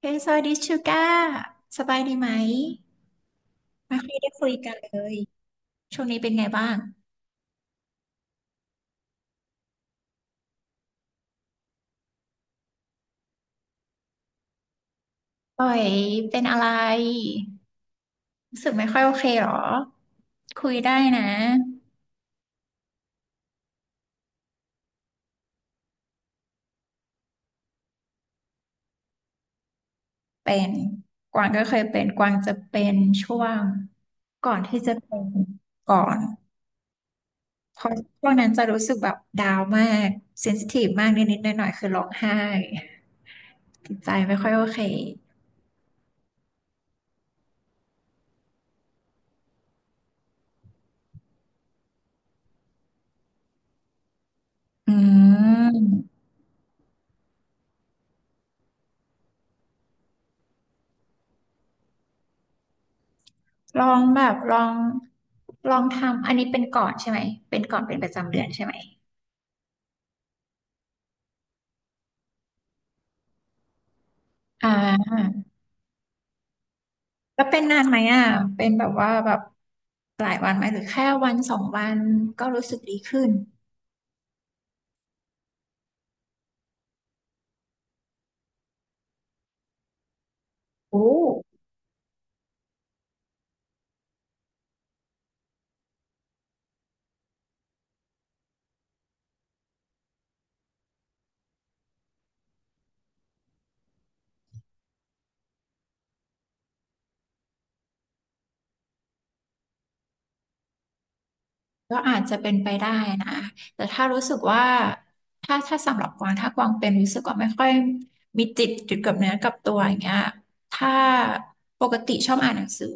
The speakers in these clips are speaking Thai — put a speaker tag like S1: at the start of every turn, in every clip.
S1: เฮ้ยสวัสดีชูก้าสบายดีไหมไม่ค่อยได้คุยกันเลยช่วงนี้เป็นไงบ้างป่อยเป็นอะไรรู้สึกไม่ค่อยโอเคเหรอคุยได้นะเป็นกวางก็เคยเป็นกวางจะเป็นช่วงก่อนที่จะเป็นก่อนเพราะช่วงนั้นจะรู้สึกแบบดาวน์มากเซนซิทีฟมากนิดๆหน่อยๆคือร้องไห้จิตใจไม่ค่อยโอเคอืม ลองแบบลองลองทำอันนี้เป็นก่อนใช่ไหมเป็นก่อนเป็นประจำเดือนใช่ไหมอ่าแล้วเป็นนานไหมอ่ะเป็นแบบว่าแบบหลายวันไหมหรือแค่วันสองวันก็รู้สึกดีขึ้นโอ้ ก็อาจจะเป็นไปได้นะ แต่ถ้ารู้สึกว่า ถ้าสำหรับกวางถ้ากวางเป็นรู้สึกว่าไม่ค่อยมีจิตจุดกับเนื้อกับตัวอย่างเงี้ยถ้าปกติชอบอ่านหนังสือ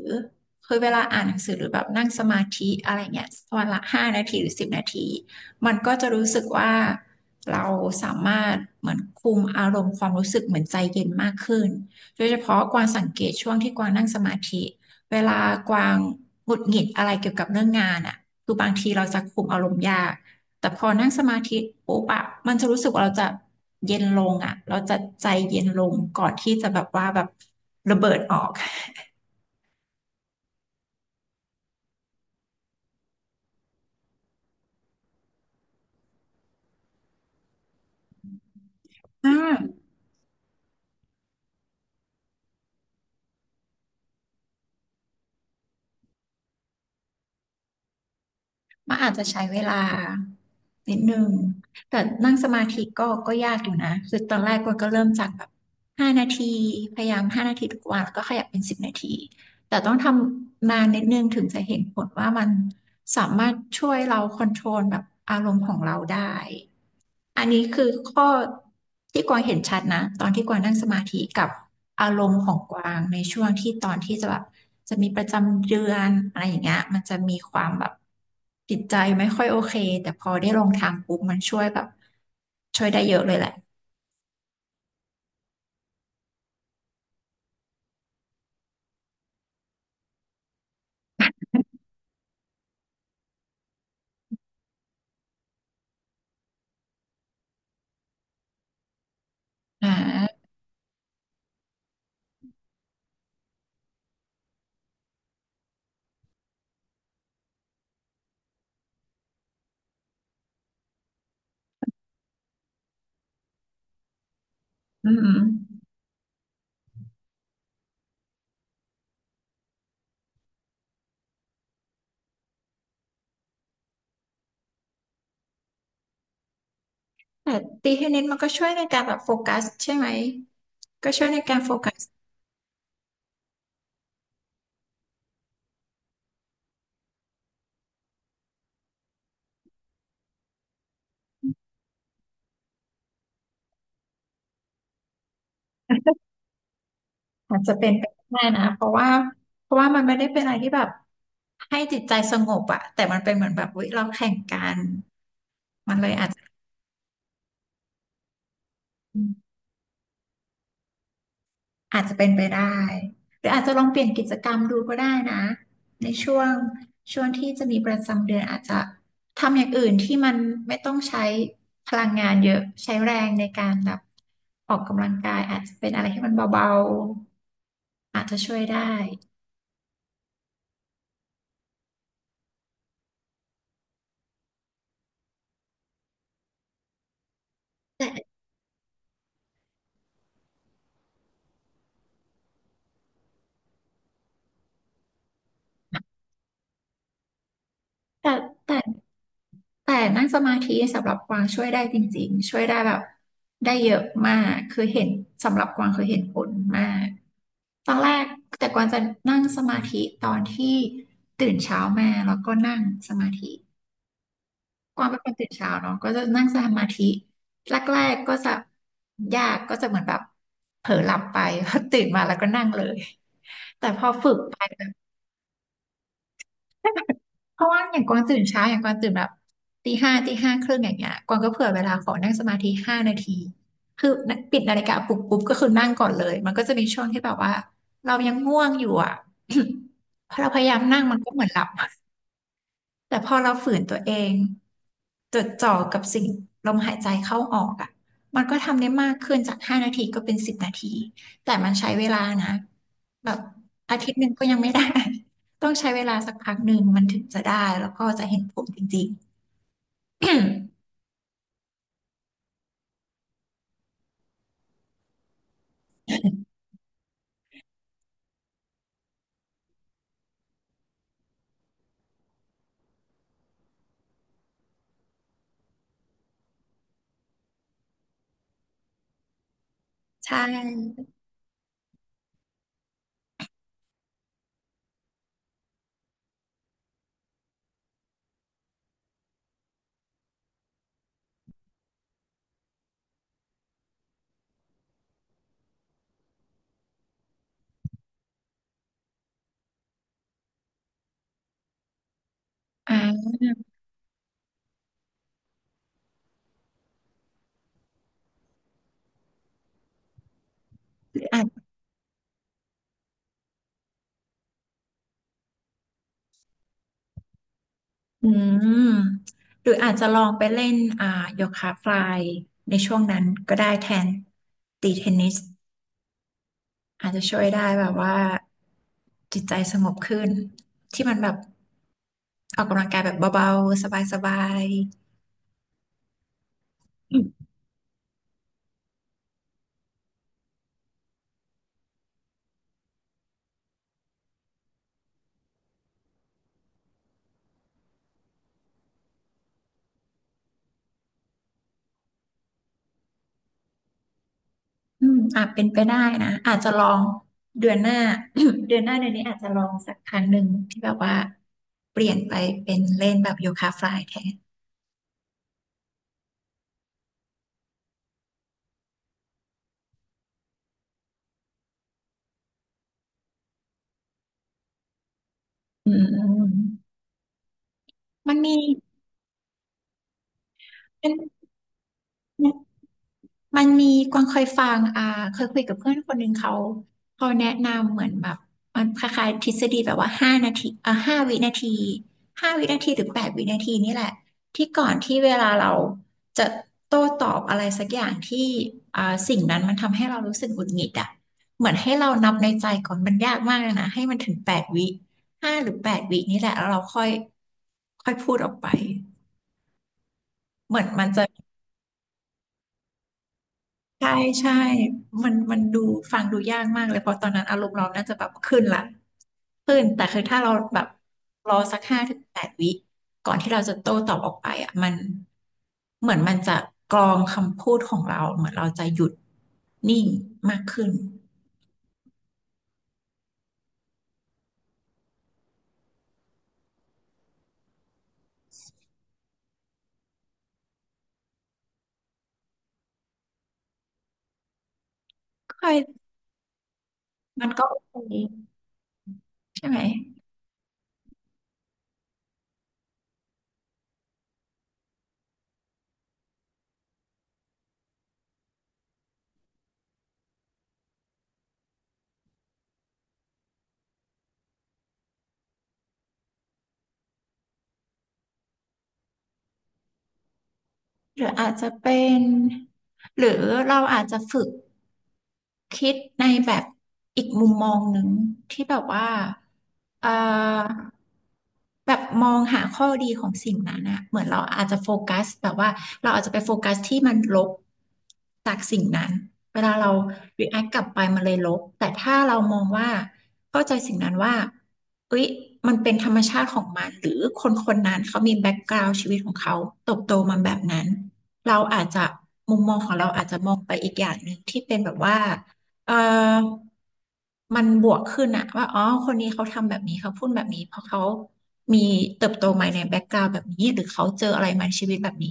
S1: คือเวลาอ่านหนังสือหรือแบบนั่งสมาธิอะไรเงี้ยวันละห้านาทีหรือสิบนาทีมันก็จะรู้สึกว่าเราสามารถเหมือนคุมอารมณ์ความรู้สึกเหมือนใจเย็นมากขึ้นโดยเฉพาะกวางสังเกตช่วงที่กวางนั่งสมาธิเวลากวางหงุดหงิดอะไรเกี่ยวกับเรื่องงานอ่ะ คือบางทีเราจะคุมอารมณ์ยากแต่พอนั่งสมาธิปุ๊บอะมันจะรู้สึกว่าเราจะเย็นลงอะเราจะใจเย็นลงก่อนที่จะแบบว่าแบบระเบิดออกอ่ามันอาจจะใช้เวลานิดนึงแต่นั่งสมาธิก็ยากอยู่นะคือตอนแรกก็เริ่มจากแบบห้านาทีพยายามห้านาทีทุกวันแล้วก็ขยับเป็นสิบนาที แต่ต้องทำนานนิดนึงถึงจะเห็นผลว่ามันสามารถช่วยเราคอนโทรลแบบอารมณ์ของเราได้อันนี้คือข้อที่กวางเห็นชัดนะตอนที่กวางนั่งสมาธิกับอารมณ์ของกวางในช่วงที่ตอนที่จะแบบจะมีประจำเดือนอะไรอย่างเงี้ยมันจะมีความแบบจิตใจไม่ค่อยโอเคแต่พอได้ลองทางปุ๊บมันช่วยแบบช่วยได้เยอะเลยแหละอ่าอืม แต่ตีเทนนิสมันก็ช่วยในการแบบโฟกัสใช่ไหมก็ช่วยในการโฟกัสอาจจะเป็นไปได้นะเพราะว่ามันไม่ได้เป็นอะไรที่แบบให้จิตใจสงบอะแต่มันเป็นเหมือนแบบเราแข่งกันมันเลยอาจจะเป็นไปได้หรืออาจจะลองเปลี่ยนกิจกรรมดูก็ได้นะในช่วงที่จะมีประจำเดือนอาจจะทำอย่างอื่นที่มันไม่ต้องใช้พลังงานเยอะใช้แรงในการแบบออกกำลังกายอาจจะเป็นอะไรที่มันเบาๆอาจจะช่วยได้แต่แต่แต่ แต่นั่งสมาธิสำหรับกวางช่วยได้จริงๆช่วยได้แบบได้เยอะมากคือเห็นสำหรับกวางคือเห็นผลมากตอนแรกแต่กวางจะนั่งสมาธิตอนที่ตื่นเช้ามาแล้วก็นั่งสมาธิกวางเป็นคนตื่นเช้าเนาะก็จะนั่งสมาธิแรกๆก็จะยากก็จะเหมือนแบบเผลอหลับไป พอตื่นมาแล้วก็นั่งเลยแต่พอฝึกไป เพราะว่าอย่างกวางตื่นเช้าอย่างกวางตื่นแบบตีห้าตี 5 ครึ่งอย่างเงี้ยกวางก็เผื่อเวลาขอนั่งสมาธิห้านาทีคือปิดนาฬิกาปลุกปุ๊บก็คือนั่งก่อนเลยมันก็จะมีช่วงที่แบบว่าเรายังง่วงอยู่อ่ะ พอเราพยายามนั่งมันก็เหมือนหลับ แต่พอเราฝืนตัวเองจดจ่อกับสิ่งลมหายใจเข้าออกอ่ะมันก็ทำได้มากขึ้นจากห้านาทีก็เป็นสิบนาทีแต่มันใช้เวลานะแบบอาทิตย์หนึ่งก็ยังไม่ได้ ต้องใช้เวลาสักพักหนึ่งมันถึงจะได้แล้วก็จะเห็นผลจริงๆ ใช่อ่าหรืออาจอืมหรืออาจจะลองไปเล่นโยคะฟลายในช่วงนั้นก็ได้แทนตีเทนนิส อาจจะช่วยได้แบบว่าจิตใจสงบขึ้นที่มันแบบออกกำลังกายแบบเบาๆสบายๆอาจเป็นไปได้นะอาจจะลองเดือนหน้า เดือนหน้าเดือนนี้อาจจะลองสักครั้งหนึ่งที่แบบว่าเปลี่ยนไปเป็นเล่นแบบโยคะฟลายแทนอืมมันมี มันมีกวางเคยฟังเคยคุยกับเพื่อนคนหนึ่งเขาแนะนำเหมือนแบบมันคล้ายๆทฤษฎีแบบว่าห้าวินาทีห้าวินาทีหรือ8 วินาทีนี่แหละที่ก่อนที่เวลาเราจะโต้ตอบอะไรสักอย่างที่อ่าสิ่งนั้นมันทำให้เรารู้สึกหงุดหงิดอ่ะเหมือนให้เรานับในใจก่อนมันยากมากเลยนะให้มันถึงแปดวิ5 หรือ 8 วินี่แหละแล้วเราค่อยค่อยพูดออกไปเหมือนมันจะ ใช่ใช่มันดูฟังดูยากมากเลยเพราะตอนนั้นอารมณ์เราน่าจะแบบขึ้นละขึ้นแต่คือถ้าเราแบบรอสัก5 ถึง 8 วิก่อนที่เราจะโต้ตอบออกไปอ่ะมันเหมือนมันจะกรองคำพูดของเราเหมือนเราจะหยุดนิ่งมากขึ้นค่อยมันก็โอเคใช่ไหมหรืออาจจะเป็นหรือเราอาจจะฝึก คิดในแบบอีกมุมมองหนึ่งที่แบบว่าเอ่อแบบมองหาข้อดีของสิ่งนั้นอะเหมือนเราอาจจะโฟกัสแบบว่าเราอาจจะไปโฟกัสที่มันลบจากสิ่งนั้นเวลาเรา react กลับไปมันเลยลบแต่ถ้าเรามองว่าเข้าใจสิ่งนั้นว่าเอ้ยมันเป็นธรรมชาติของมันหรือคนคนนั้นเขามีแบ็กกราวด์ชีวิตของเขาเติบโตมาแบบนั้นเราอาจจะมุมมองของเราอาจจะมองไปอีกอย่างหนึ่งที่เป็นแบบว่า เออมันบวกขึ้นอะว่าอ๋อคนนี้เขาทำแบบนี้เขาพูดแบบนี้เพราะเขามีเติบโตมาในแบ็กกราวด์แบบนี้หรือเขาเจออะไรมาในชีวิตแบบนี้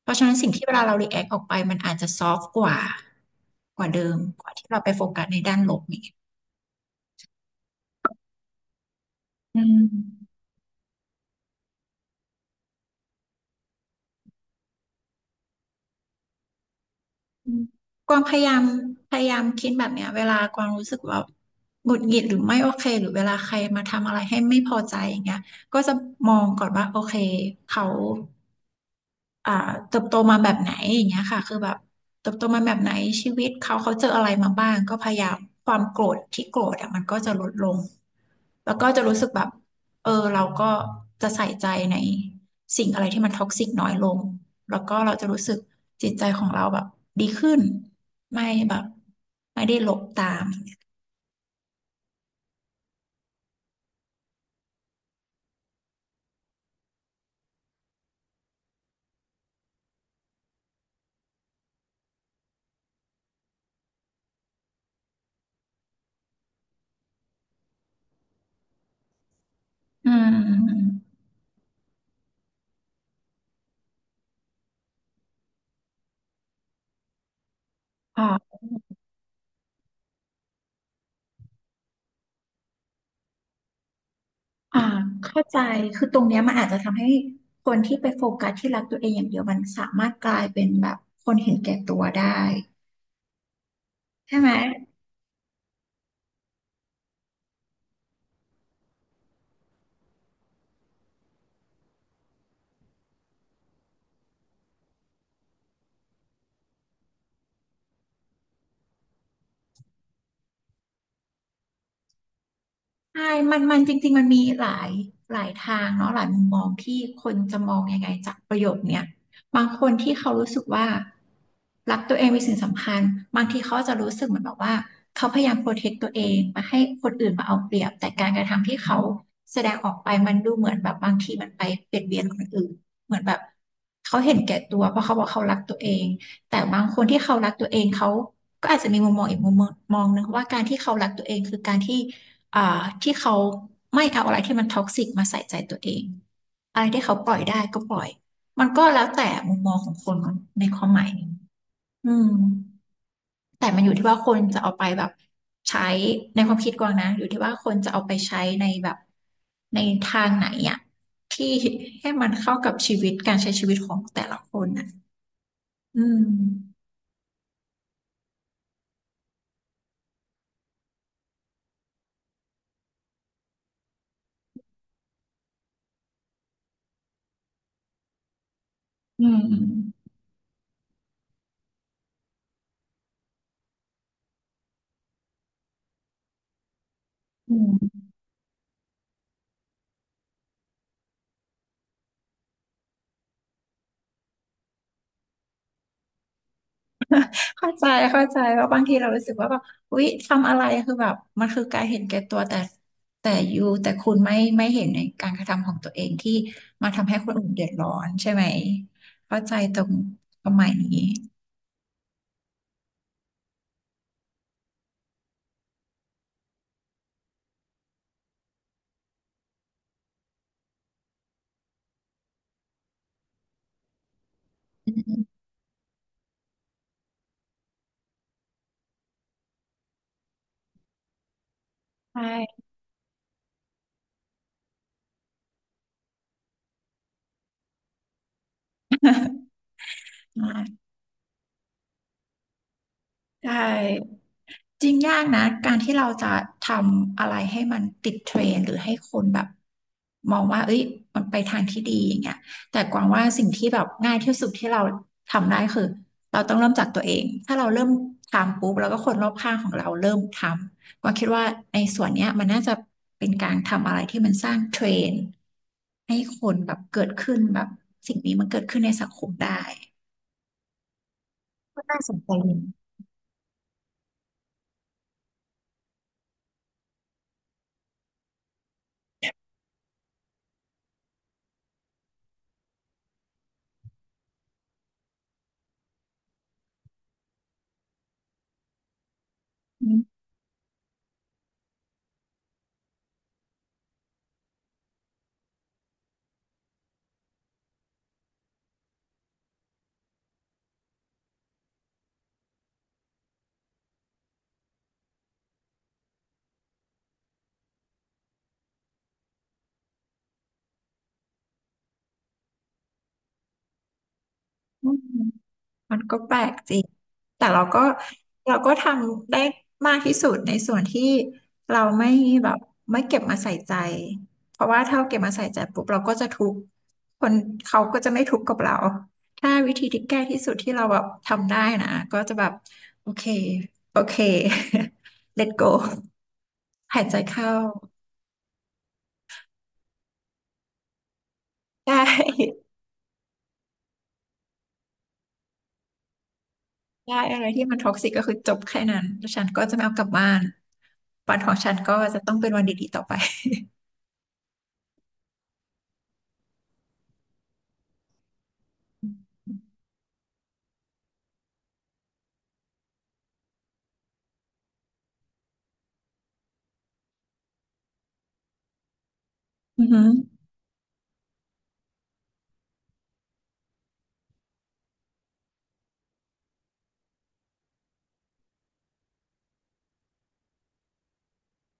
S1: เพราะฉะนั้นสิ่งที่เวลาเรารีแอคออกไปมันอาจจะซอฟต์กว่ากว่าเดิมกว่าที่เราไปโฟกัสในด้านลบอย่างเงี้ยอืมอืมกวางพยายามคิดแบบเนี้ยเวลากวางรู้สึกว่าหงุดหงิดหรือไม่โอเคหรือเวลาใครมาทำอะไรให้ไม่พอใจอย่างเงี้ยก็จะมองก่อนว่าโอเคเขา อ่าเติบโตมาแบบไหนอย่างเงี้ยค่ะคือแบบเติบโตมาแบบไหนชีวิตเขาเจออะไรมาบ้างก็พยายามความโกรธที่โกรธอ่ะมันก็จะลดลงแล้วก็จะรู้สึกแบบเออเราก็จะใส่ใจในสิ่งอะไรที่มันท็อกซิกน้อยลงแล้วก็เราจะรู้สึกจิตใจของเราแบบดีขึ้นไม่แบบไม่ได้หลบตามอืมค่ะ อ่าเข้าใจคือตรงเนี้ยมันอาจจะทำให้คนที่ไปโฟกัสที่รักตัวเองอย่างเดียวมันสามารถกลายเป็นแบบคนเห็นแก่ตัวได้ใช่ไหม ใช่มันจริงๆมันมีหลายทางเนาะหลายมุมมองที่คนจะมองยังไงจากประโยคเนี้ยบางคนที่เขารู้สึกว่ารักตัวเองเป็นสิ่งสำคัญบางทีเขาจะรู้สึกเหมือนแบบว่าเขาพยายามโปรเทคตัวเองไมาให้คนอื่นมาเอาเปรียบแต่การกระทำที่เขาแสดงออกไปมันดูเหมือนแบบบางทีมันไปเบียดเบียนคนอื่นเหมือนแบบเขาเห็นแก่ตัวเพราะเขาบอกเขารักตัวเองแต่บางคนที่เขารักตัวเองเขาก็อาจจะมีมุมมองอีกมุมมองหนึงว่าการที่เขารักตัวเองคือการที่ อ่าที่เขาไม่เอาอะไรที่มันท็อกซิกมาใส่ใจตัวเองอะไรที่เขาปล่อยได้ก็ปล่อยมันก็แล้วแต่มุมมองของคนในความหมายนี้อืมแต่มันอยู่ที่ว่าคนจะเอาไปแบบใช้ในความคิดกวางนะอยู่ที่ว่าคนจะเอาไปใช้ในแบบในทางไหนอะที่ให้มันเข้ากับชีวิตการใช้ชีวิตของแต่ละคนอะอืมอืมอืม เข้าใจเข้าใจว่าบางทีเรารู้สึกว่าแบบอุ๊ยทำอะไรคือแบบมันคือการเห็นแก่ตัวแต่ยูแต่คุณไม่เห็นในการกระทำของตัวเองที่มาทำให้คนอื่นเดือดร้อนใช่ไหมเข้าใจตรงประมาณนี้อืมใช่ใช่ จริงยากนะการที่เราจะทำอะไรให้มันติดเทรนด์หรือให้คนแบบมองว่าเอ้ยมันไปทางที่ดีอย่างเงี้ยแต่กวางว่าสิ่งที่แบบง่ายที่สุดที่เราทำได้คือเราต้องเริ่มจากตัวเองถ้าเราเริ่มทำปุ๊บแล้วก็คนรอบข้างของเราเริ่มทำกวางคิดว่าในส่วนเนี้ยมันน่าจะเป็นการทำอะไรที่มันสร้างเทรนด์ให้คนแบบเกิดขึ้นแบบสิ่งนี้มันเกิดขึ้นในสังคมได้ก็น่าสนใจดีอืม มันก็แปลกจริงแต่เราก็ทำได้มากที่สุดในส่วนที่เราไม่แบบไม่เก็บมาใส่ใจ เพราะว่าถ้าเราเก็บมาใส่ใจปุ๊บเราก็จะทุกข์คนเขาก็จะไม่ทุกข์กับเราถ้าวิธีที่แก้ที่สุดที่เราแบบทำได้นะก็จะแบบโอเคโอเค let go หายใจเข้าได้ได้อะไรที่มันท็อกซิกก็คือจบแค่นั้นแล้วฉันก็จะไม่เอากลับบ้านวันของฉันก็จะต้องเป็นวันดีๆต่อไป อือฮึ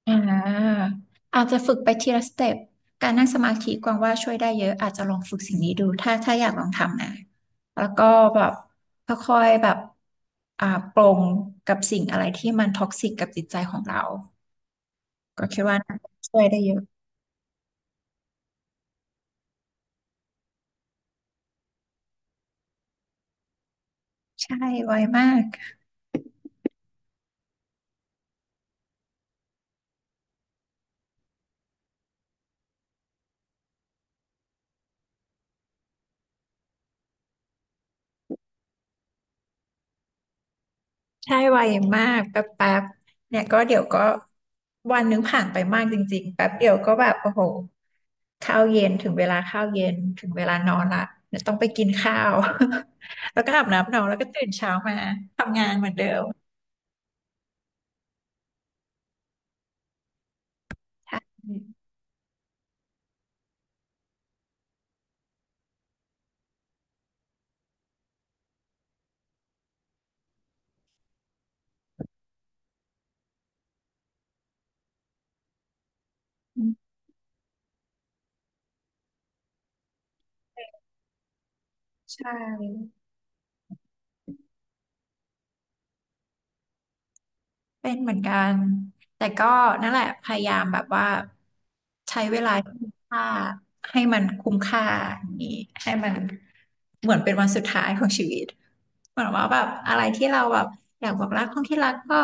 S1: อ่าอาจจะฝึกไปทีละสเต็ปการนั่งสมาธิกวางว่าช่วยได้เยอะอาจจะลองฝึกสิ่งนี้ดูถ้าอยากลองทำนะแล้วก็แบบค่อยๆแบบอ่าปลงกับสิ่งอะไรที่มันท็อกซิกกับจิตใจของเราก็คิดว่าน่าจะช่วยได้เยอะใช่ไวมาก ใช่ไวมากแป๊บแป๊บเนี่ยก็เดี๋ยวก็วันนึงผ่านไปมากจริงๆแป๊บเดียวก็แบบโอ้โหข้าวเย็นถึงเวลาข้าวเย็นถึงเวลานอนละเนี่ยต้องไปกินข้าว แล้วก็อาบน้ำนอนแล้วก็ตื่นเช้ามาทำงานเหมือนเดิมใช่อืมใช่ เป็นเหมือนกัน แต่ก็นั่นแหละพยายามแบบว่าใช้เวลาที่มีค่าให้มันคุ้มค่าอย่างนี้ให้มันเหมือนเป็นวันสุดท้ายของชีวิตเหมือนว่าแบบอะไรที่เราแบบอยากบอกรักคนที่รักก็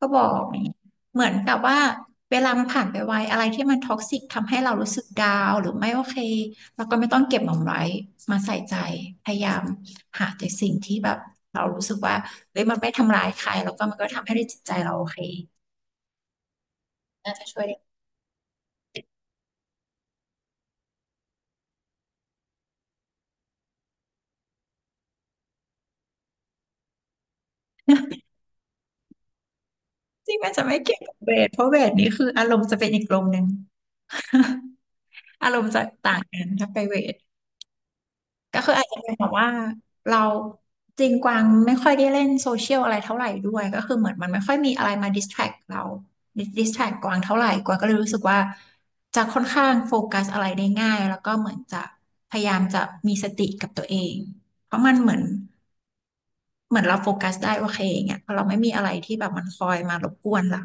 S1: ก็บอกอย่างนี้เหมือนกับว่าเวลามันผ่านไปไวอะไรที่มันท็อกซิกทำให้เรารู้สึกดาวน์หรือไม่โอเคเราก็ไม่ต้องเก็บมันไว้มาใส่ใจพยายามหาแต่สิ่งที่แบบเรารู้สึกว่า เฮ้ยมันไม่ทำร้ายใครแล้วก็มันก็ทำให้จิตใจเราโอเคน่าจะช่วยได้จริงมันจะไม่เกี่ยวกับเวทเพราะเวทนี้คืออารมณ์จะเป็นอีกลมหนึ่ง อารมณ์จะต่างกันถ้าไปเวทก็คืออาจจะเป็นแบบว่าเราจริงกวางไม่ค่อยได้เล่นโซเชียลอะไรเท่าไหร่ด้วยก็คือเหมือนมันไม่ค่อยมีอะไรมาดิสแทรกเราดิสแทรกกวางเท่าไหร่กวางก็เลยรู้สึกว่าจะค่อนข้างโฟกัสอะไรได้ง่ายแล้วก็เหมือนจะพยายามจะมีสติกับตัวเองเพราะมันเหมือน เหมือนเราโฟกัสได้โอเคอย่างเงี้ยเพราะเราไม่มีอะไรที่แบบมันคอยมารบกวนเรา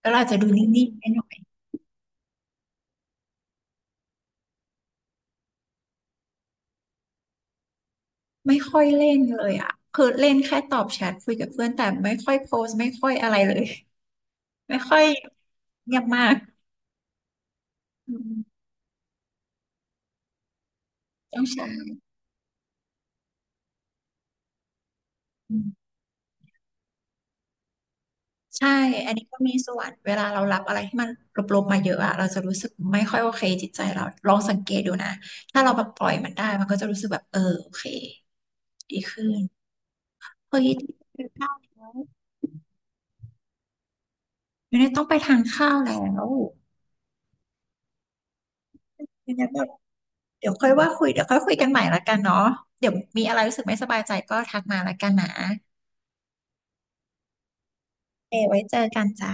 S1: แล้วเราอาจจะดูนิ่งๆไปหน่อยไม่ค่อยเล่นเลยอ่ะคือเล่นแค่ตอบแชทคุยกับเพื่อนแต่ไม่ค่อยโพสต์ไม่ค่อยอะไรเลย ไม่ค่อยเงียบมากอืมต้องใช้ใช่อันนี้ก็มีส่วนเวลาเรารับอะไรที่มันลบๆมาเยอะอะ เราจะรู้สึกไม่ค่อยโอเคจิตใจเราลองสังเกตดูนะถ้าเราแบบปล่อยมันได้มันก็จะรู้สึกแบบเออโอเคดีขึ้นเฮ้ย ไม่ได้ต้องไปทานข้าวแล้วไม่ได้แบบเดี๋ยวค่อยว่าคุยเดี๋ยวค่อยคุยกันใหม่ละกันเนาะเดี๋ยวมีอะไรรู้สึกไม่สบายใจก็ทักมาละกันนะเอไว้เจอกันจ้า